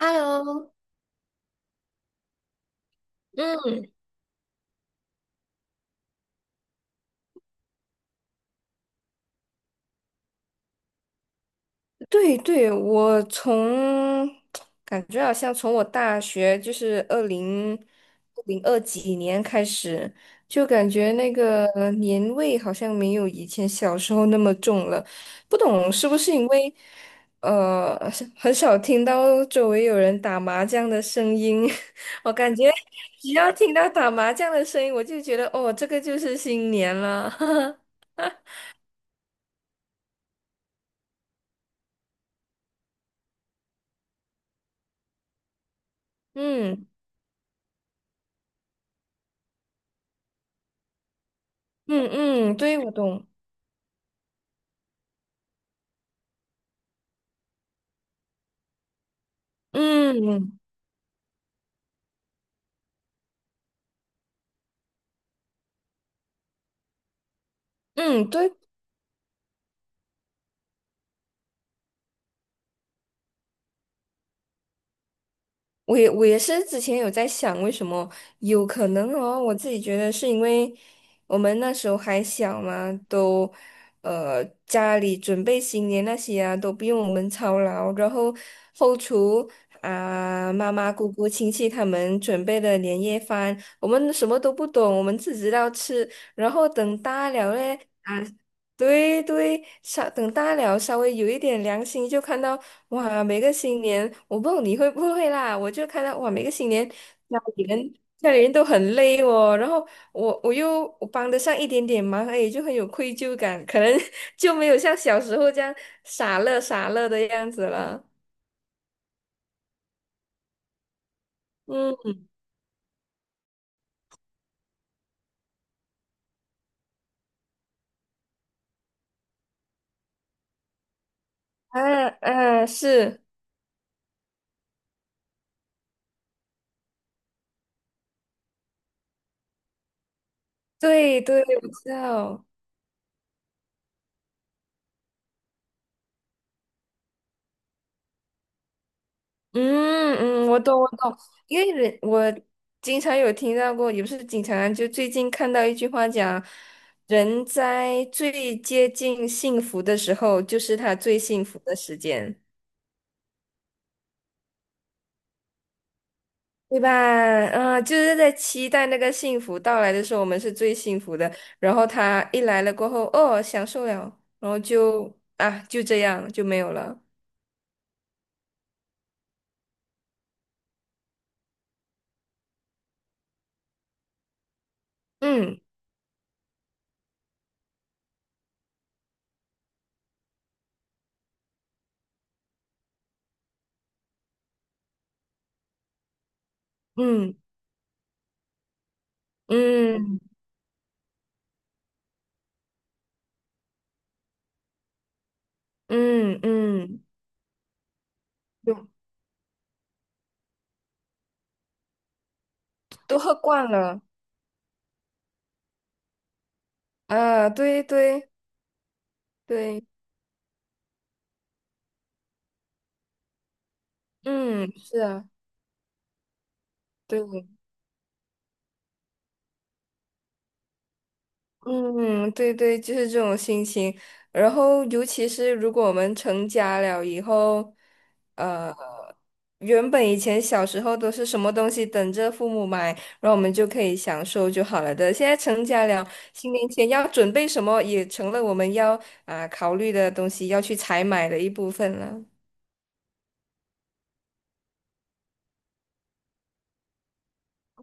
Hello，嗯，对对，感觉好像从我大学就是二零零二几年开始，就感觉那个年味好像没有以前小时候那么重了。不懂是不是因为是很少听到周围有人打麻将的声音，我感觉只要听到打麻将的声音，我就觉得哦，这个就是新年了。嗯嗯嗯，对，我懂。嗯嗯，对，我也是之前有在想，为什么有可能哦？我自己觉得是因为我们那时候还小嘛，家里准备新年那些啊，都不用我们操劳，然后后厨啊、妈妈、姑姑、亲戚他们准备的年夜饭，我们什么都不懂，我们只知道吃，然后等大了嘞。啊对对，稍等大了，稍微有一点良心，就看到哇，每个新年，我不知道你会不会啦，我就看到哇，每个新年家里人都很累哦，然后我帮得上一点点忙，哎，就很有愧疚感，可能 就没有像小时候这样傻乐傻乐的样子了。嗯啊啊，是对对，我知道。嗯嗯，我懂我懂，因为我经常有听到过，也不是经常啊，就最近看到一句话讲，人在最接近幸福的时候，就是他最幸福的时间，对吧？啊，就是在期待那个幸福到来的时候，我们是最幸福的，然后他一来了过后，哦，享受了，然后就这样就没有了。嗯嗯嗯嗯嗯嗯，都都喝惯了。啊，对对对，嗯，是啊，对，嗯，对对，就是这种心情。然后，尤其是如果我们成家了以后，呃，原本以前小时候都是什么东西等着父母买，然后我们就可以享受就好了的。现在成家了，新年前要准备什么，也成了我们要考虑的东西，要去采买的一部分了。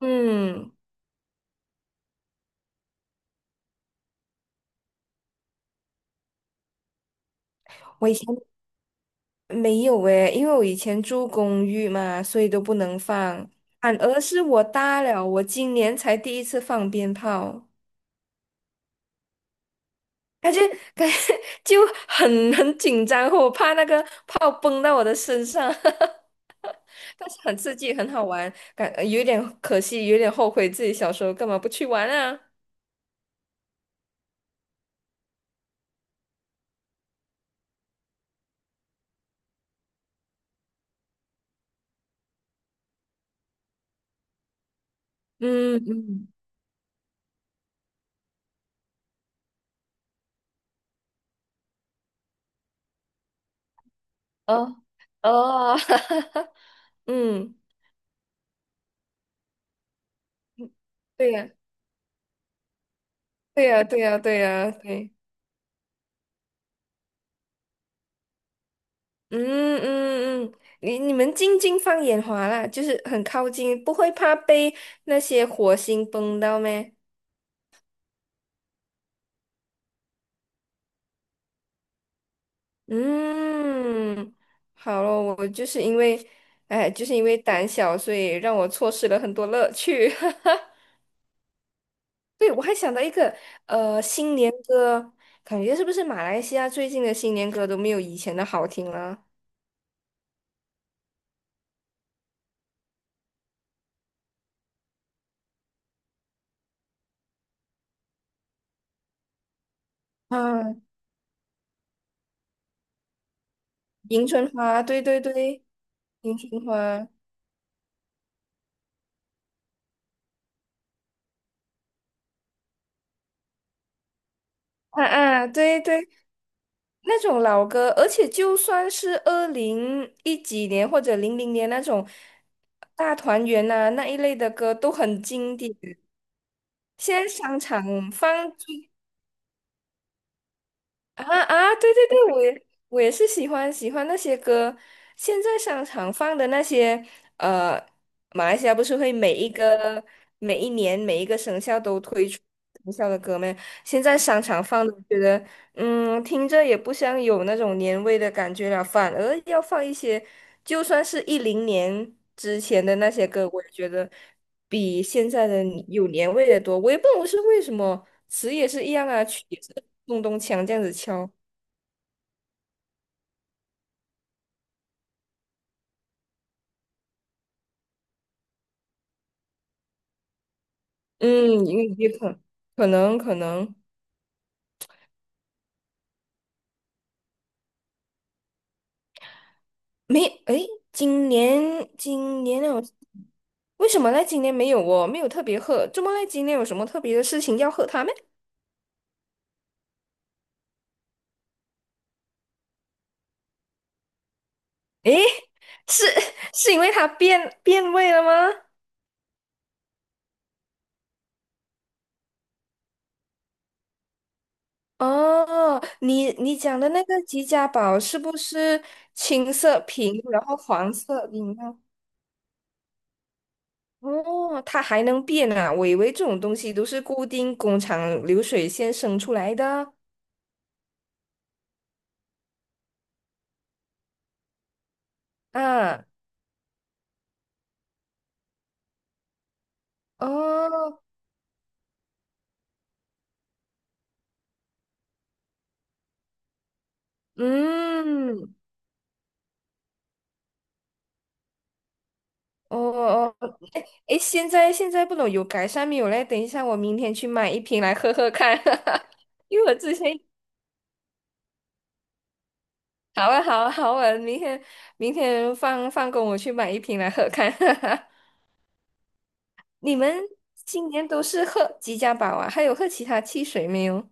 嗯。我以前。没有诶，因为我以前住公寓嘛，所以都不能放。反而是我大了，我今年才第一次放鞭炮，感觉感觉 就很紧张，我怕那个炮崩到我的身上，但是很刺激，很好玩，感有点可惜，有点后悔自己小时候干嘛不去玩啊。嗯嗯，哦哦，嗯，对呀，对呀，对呀，对呀，对。嗯嗯嗯，你们静静放眼华啦，就是很靠近，不会怕被那些火星崩到咩？嗯，好了，我就是因为，哎，就是因为胆小，所以让我错失了很多乐趣。对，我还想到一个，新年歌，感觉是不是马来西亚最近的新年歌都没有以前的好听了？啊，迎春花，对对对，迎春花，啊啊，对对，那种老歌，而且就算是二零一几年或者零零年那种大团圆呐、那一类的歌都很经典。现在商场放最啊啊，对对对，我也是喜欢那些歌。现在商场放的那些，呃，马来西亚不是会每一年每一个生肖都推出生肖的歌吗？现在商场放的，我觉得听着也不像有那种年味的感觉了，反而要放一些，就算是一零年之前的那些歌，我也觉得。比现在的有年味的多。我也不懂是为什么，词也是一样啊，曲也是咚咚锵这样子敲。嗯，也可能没诶，今年有为什么呢？今年没有哦，没有特别喝。怎么呢？今年有什么特别的事情要喝它吗？诶，是 是因为它变味了吗？哦，你讲的那个吉家宝是不是青色瓶，然后黄色饮料？哦，它还能变啊！我以为这种东西都是固定工厂流水线生出来的啊。哦，嗯，哦哦，诶，现在不懂有改善没有嘞？等一下，我明天去买一瓶来喝喝看，因为我之前好啊好啊好啊，明天放工我去买一瓶来喝看。你们今年都是喝吉家宝啊？还有喝其他汽水没有？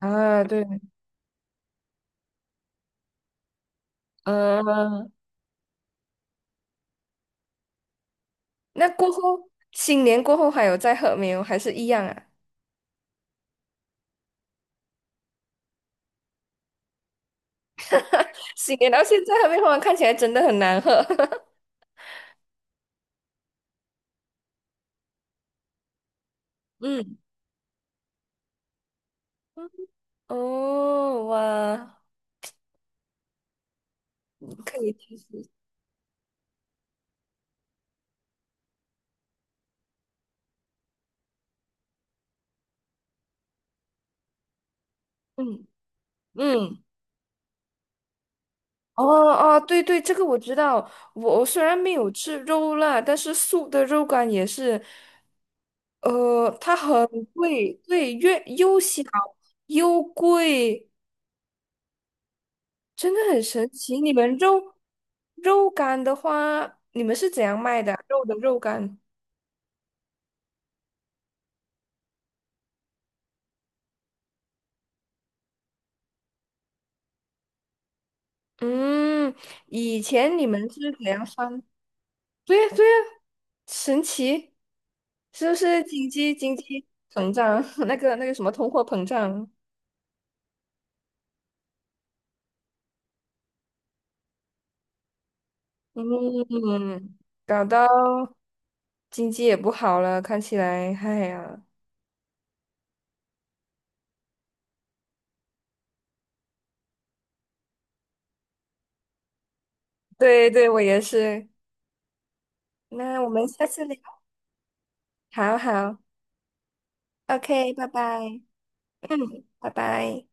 啊，对，嗯、那过后，新年过后还有再喝没有？还是一样啊？新年到现在还没喝完，看起来真的很难喝。嗯哦，哇，可以去试试嗯嗯，哦哦，对对，这个我知道。我虽然没有吃肉啦，但是素的肉干也是，它很贵，对，越又小又贵，真的很神奇。你们肉干的话，你们是怎样卖的啊肉的肉干？嗯，以前你们是怎样算？对呀，对呀，神奇，是不是经济膨胀？那个什么通货膨胀？嗯，搞到经济也不好了，看起来，哎呀，对对，我也是。那我们下次聊，好好，OK，拜拜，嗯，拜拜。